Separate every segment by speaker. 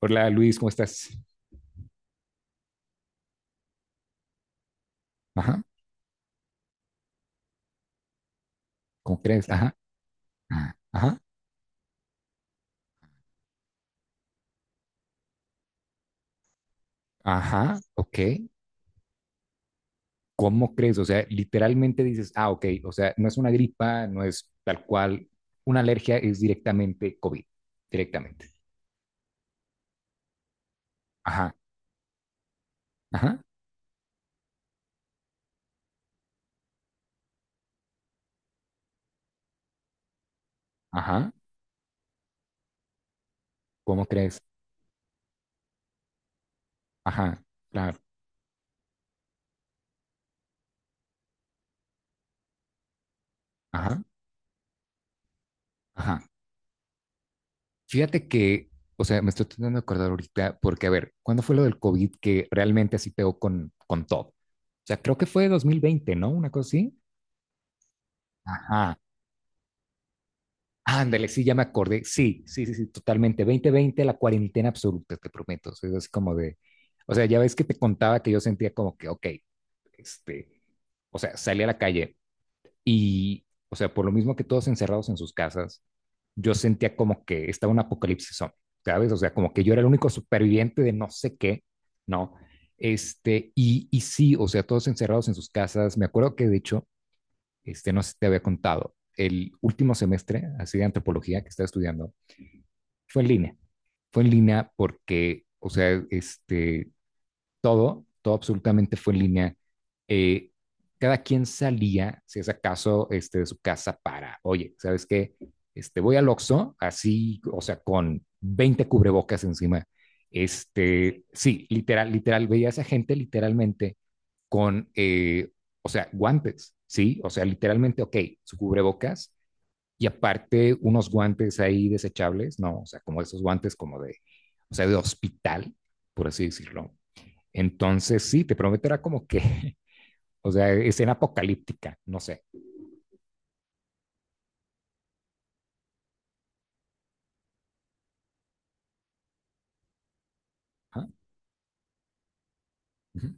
Speaker 1: Hola Luis, ¿cómo estás? Ajá, ¿cómo crees? Ajá, ajá, ajá, ajá, ok. ¿Cómo crees? O sea, literalmente dices, ah, ok, o sea, no es una gripa, no es tal cual, una alergia es directamente COVID, directamente. Ajá, ajá, ajá, ¿cómo crees? Ajá, claro, ajá, ajá. Fíjate que, o sea, me estoy tratando de acordar ahorita, porque a ver, ¿cuándo fue lo del COVID que realmente así pegó con todo? O sea, creo que fue 2020, ¿no? Una cosa así. Ajá. Ándale, sí, ya me acordé. Sí, sí, sí, sí, totalmente. 2020, la cuarentena absoluta, te prometo. O sea, es así como de, o sea, ya ves que te contaba que yo sentía como que, ok, este, o sea, salí a la calle y, o sea, por lo mismo que todos encerrados en sus casas, yo sentía como que estaba un apocalipsis zombie, ¿sabes? O sea, como que yo era el único superviviente de no sé qué, ¿no? Y sí, o sea, todos encerrados en sus casas. Me acuerdo que de hecho, no sé si te había contado, el último semestre, así de antropología que estaba estudiando, fue en línea. Fue en línea porque, o sea, todo, todo absolutamente fue en línea. Eh, Cada quien salía, si es acaso, de su casa para, oye, ¿sabes qué? Voy al Oxxo, así, o sea, con 20 cubrebocas encima. Sí, literal, literal, veía a esa gente literalmente con, o sea, guantes, ¿sí? O sea, literalmente, ok, su cubrebocas y aparte unos guantes ahí desechables, ¿no? O sea, como esos guantes como de, o sea, de hospital, por así decirlo. Entonces, sí, te prometo, era como que, o sea, escena apocalíptica, no sé. Ajá, ujú,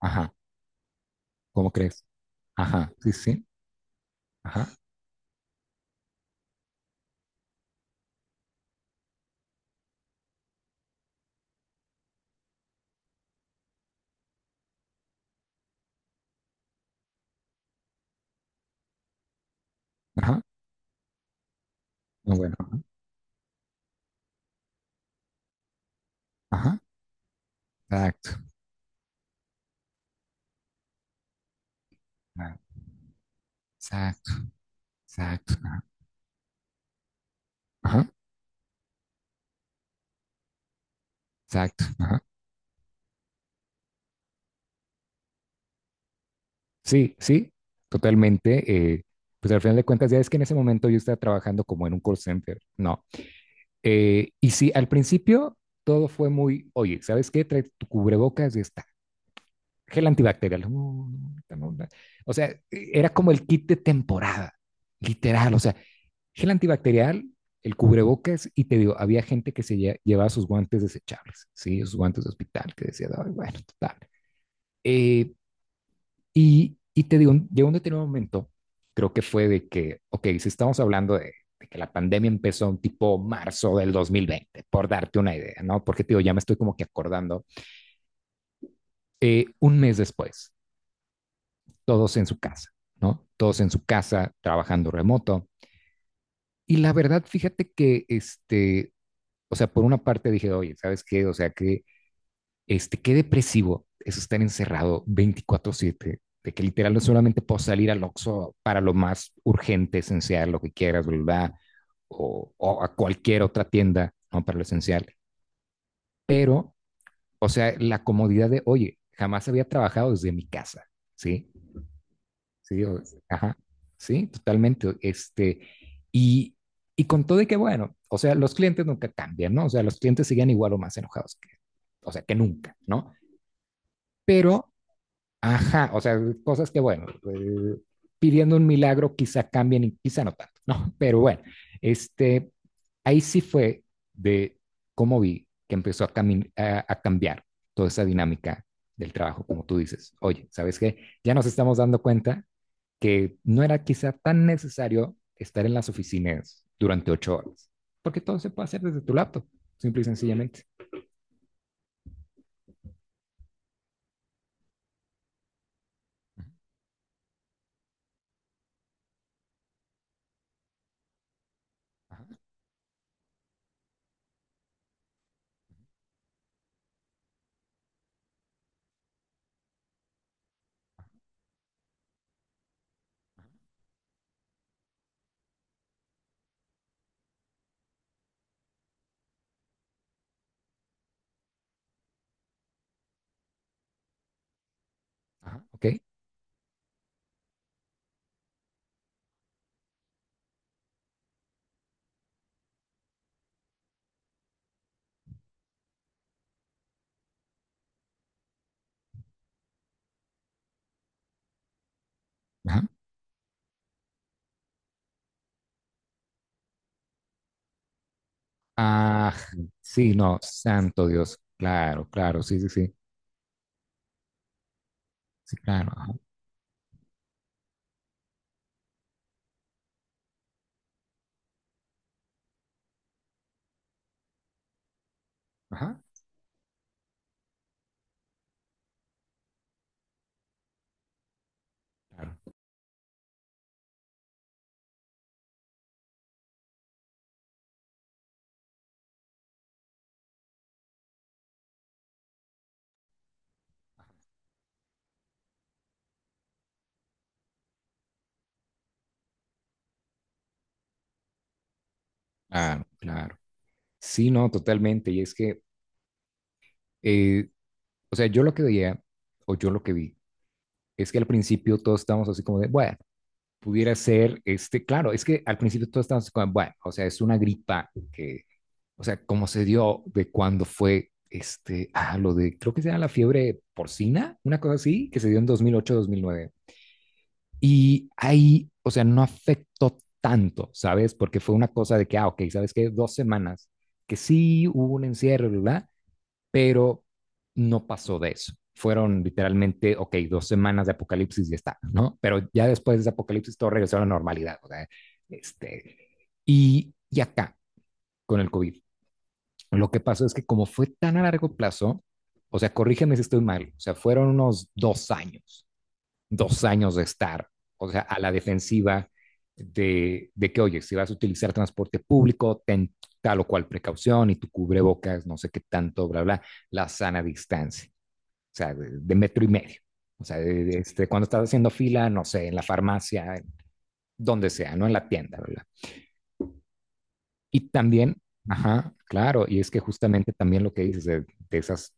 Speaker 1: ajá, ¿cómo crees? Ajá, sí, sí, ajá, ajá, no, bueno, ajá, ajá, exacto, ah, exacto, exacto, ajá, ajá, exacto, ajá. Sí, sí, totalmente. Pues al final de cuentas, ya es que en ese momento yo estaba trabajando como en un call center, ¿no? Y sí, al principio todo fue muy, oye, ¿sabes qué? Trae tu cubrebocas y está. Gel antibacterial. No, no, ahorita no, no. O sea, era como el kit de temporada, literal. O sea, gel antibacterial, el cubrebocas, y te digo, había gente que se llevaba sus guantes desechables, ¿sí? Sus guantes de hospital, que decía, "Ay, bueno, total. Eh, y te digo, llegó un determinado momento, creo que fue de que, ok, si estamos hablando de que la pandemia empezó un tipo marzo del 2020 por darte una idea, ¿no? Porque te digo, ya me estoy como que acordando, un mes después, todos en su casa, ¿no? Todos en su casa, trabajando remoto. Y la verdad, fíjate que, o sea, por una parte dije, oye, ¿sabes qué? O sea, que qué depresivo es estar encerrado 24/7 de que literal no solamente puedo salir al Oxxo para lo más urgente, esencial, lo que quieras, ¿verdad? O a cualquier otra tienda, ¿no? Para lo esencial. Pero, o sea, la comodidad de, oye, jamás había trabajado desde mi casa, ¿sí? Sí, o, ajá, sí, totalmente. Y, y con todo de que, bueno, o sea, los clientes nunca cambian, ¿no? O sea, los clientes siguen igual o más enojados que, o sea, que nunca, ¿no? Pero ajá, o sea, cosas que, bueno, pidiendo un milagro quizá cambien y quizá no tanto, ¿no? Pero bueno, este, ahí sí fue de cómo vi que empezó a cambiar toda esa dinámica del trabajo, como tú dices. Oye, ¿sabes qué? Ya nos estamos dando cuenta que no era quizá tan necesario estar en las oficinas durante 8 horas, porque todo se puede hacer desde tu laptop, simple y sencillamente. Ajá, ajá, ok, ajá. Ah, sí, no, santo Dios. Claro, claro, sí, sí, sí, sí, claro. Ajá, ajá, claro, claro, claro. Sí, no, totalmente. Y es que, eh, o sea, yo lo que veía, o yo lo que vi, es que al principio todos estábamos así como de, bueno, pudiera ser, claro, es que al principio todos estábamos así como, bueno, o sea, es una gripa que, o sea, como se dio de cuando fue, ah, lo de, creo que se llama la fiebre porcina, una cosa así, que se dio en dos mil ocho, 2009. Y ahí, o sea, no afectó tanto, ¿sabes? Porque fue una cosa de que, ah, ok, ¿sabes qué? 2 semanas que sí hubo un encierro, ¿verdad? Pero no pasó de eso. Fueron literalmente, ok, 2 semanas de apocalipsis y ya está, ¿no? Pero ya después de ese apocalipsis todo regresó a la normalidad, o sea, este, y, acá, con el COVID, lo que pasó es que como fue tan a largo plazo, o sea, corrígeme si estoy mal, o sea, fueron unos dos años de estar, o sea, a la defensiva de, que, oye, si vas a utilizar transporte público, ten tal o cual precaución y tu cubrebocas, no sé qué tanto, bla, bla, la sana distancia, o sea, de metro y medio. O sea, cuando estás haciendo fila, no sé, en la farmacia, donde sea, no en la tienda, ¿verdad? Y también, ajá, claro, y es que justamente también lo que dices de esas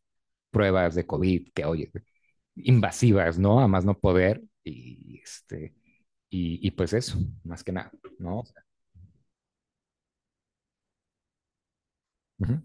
Speaker 1: pruebas de COVID que, oye, invasivas, ¿no? A más no poder, y pues eso, más que nada, ¿no? O sea, ujú,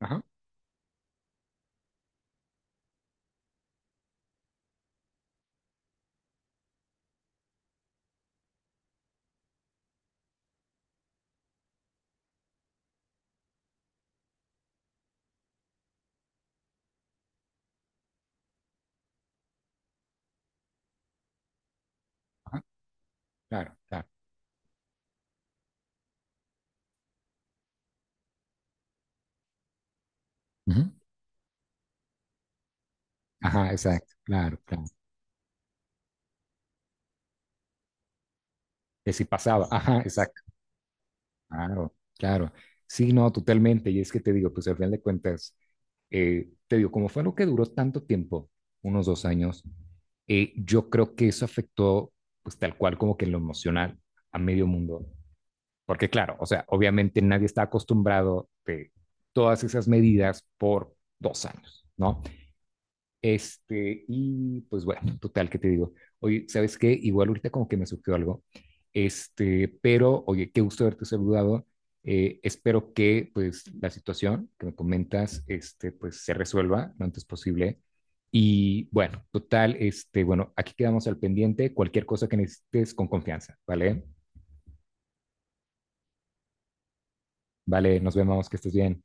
Speaker 1: ajá, ajá, claro, claro. Ujú, ajá, exacto, claro, claro. Que si pasaba, ajá, exacto, claro, claro. Sí, no, totalmente. Y es que te digo, pues al final de cuentas, te digo, como fue algo que duró tanto tiempo, unos dos años, yo creo que eso afectó, pues tal cual como que en lo emocional a medio mundo. Porque claro, o sea, obviamente nadie está acostumbrado de todas esas medidas por 2 años, ¿no? Y pues bueno, total, ¿qué te digo? Oye, ¿sabes qué? Igual ahorita como que me surgió algo. Pero oye, qué gusto haberte saludado. Espero que pues la situación que me comentas, pues se resuelva lo antes posible. Y bueno, total, bueno, aquí quedamos al pendiente. Cualquier cosa que necesites con confianza, ¿vale? Vale, nos vemos, que estés bien.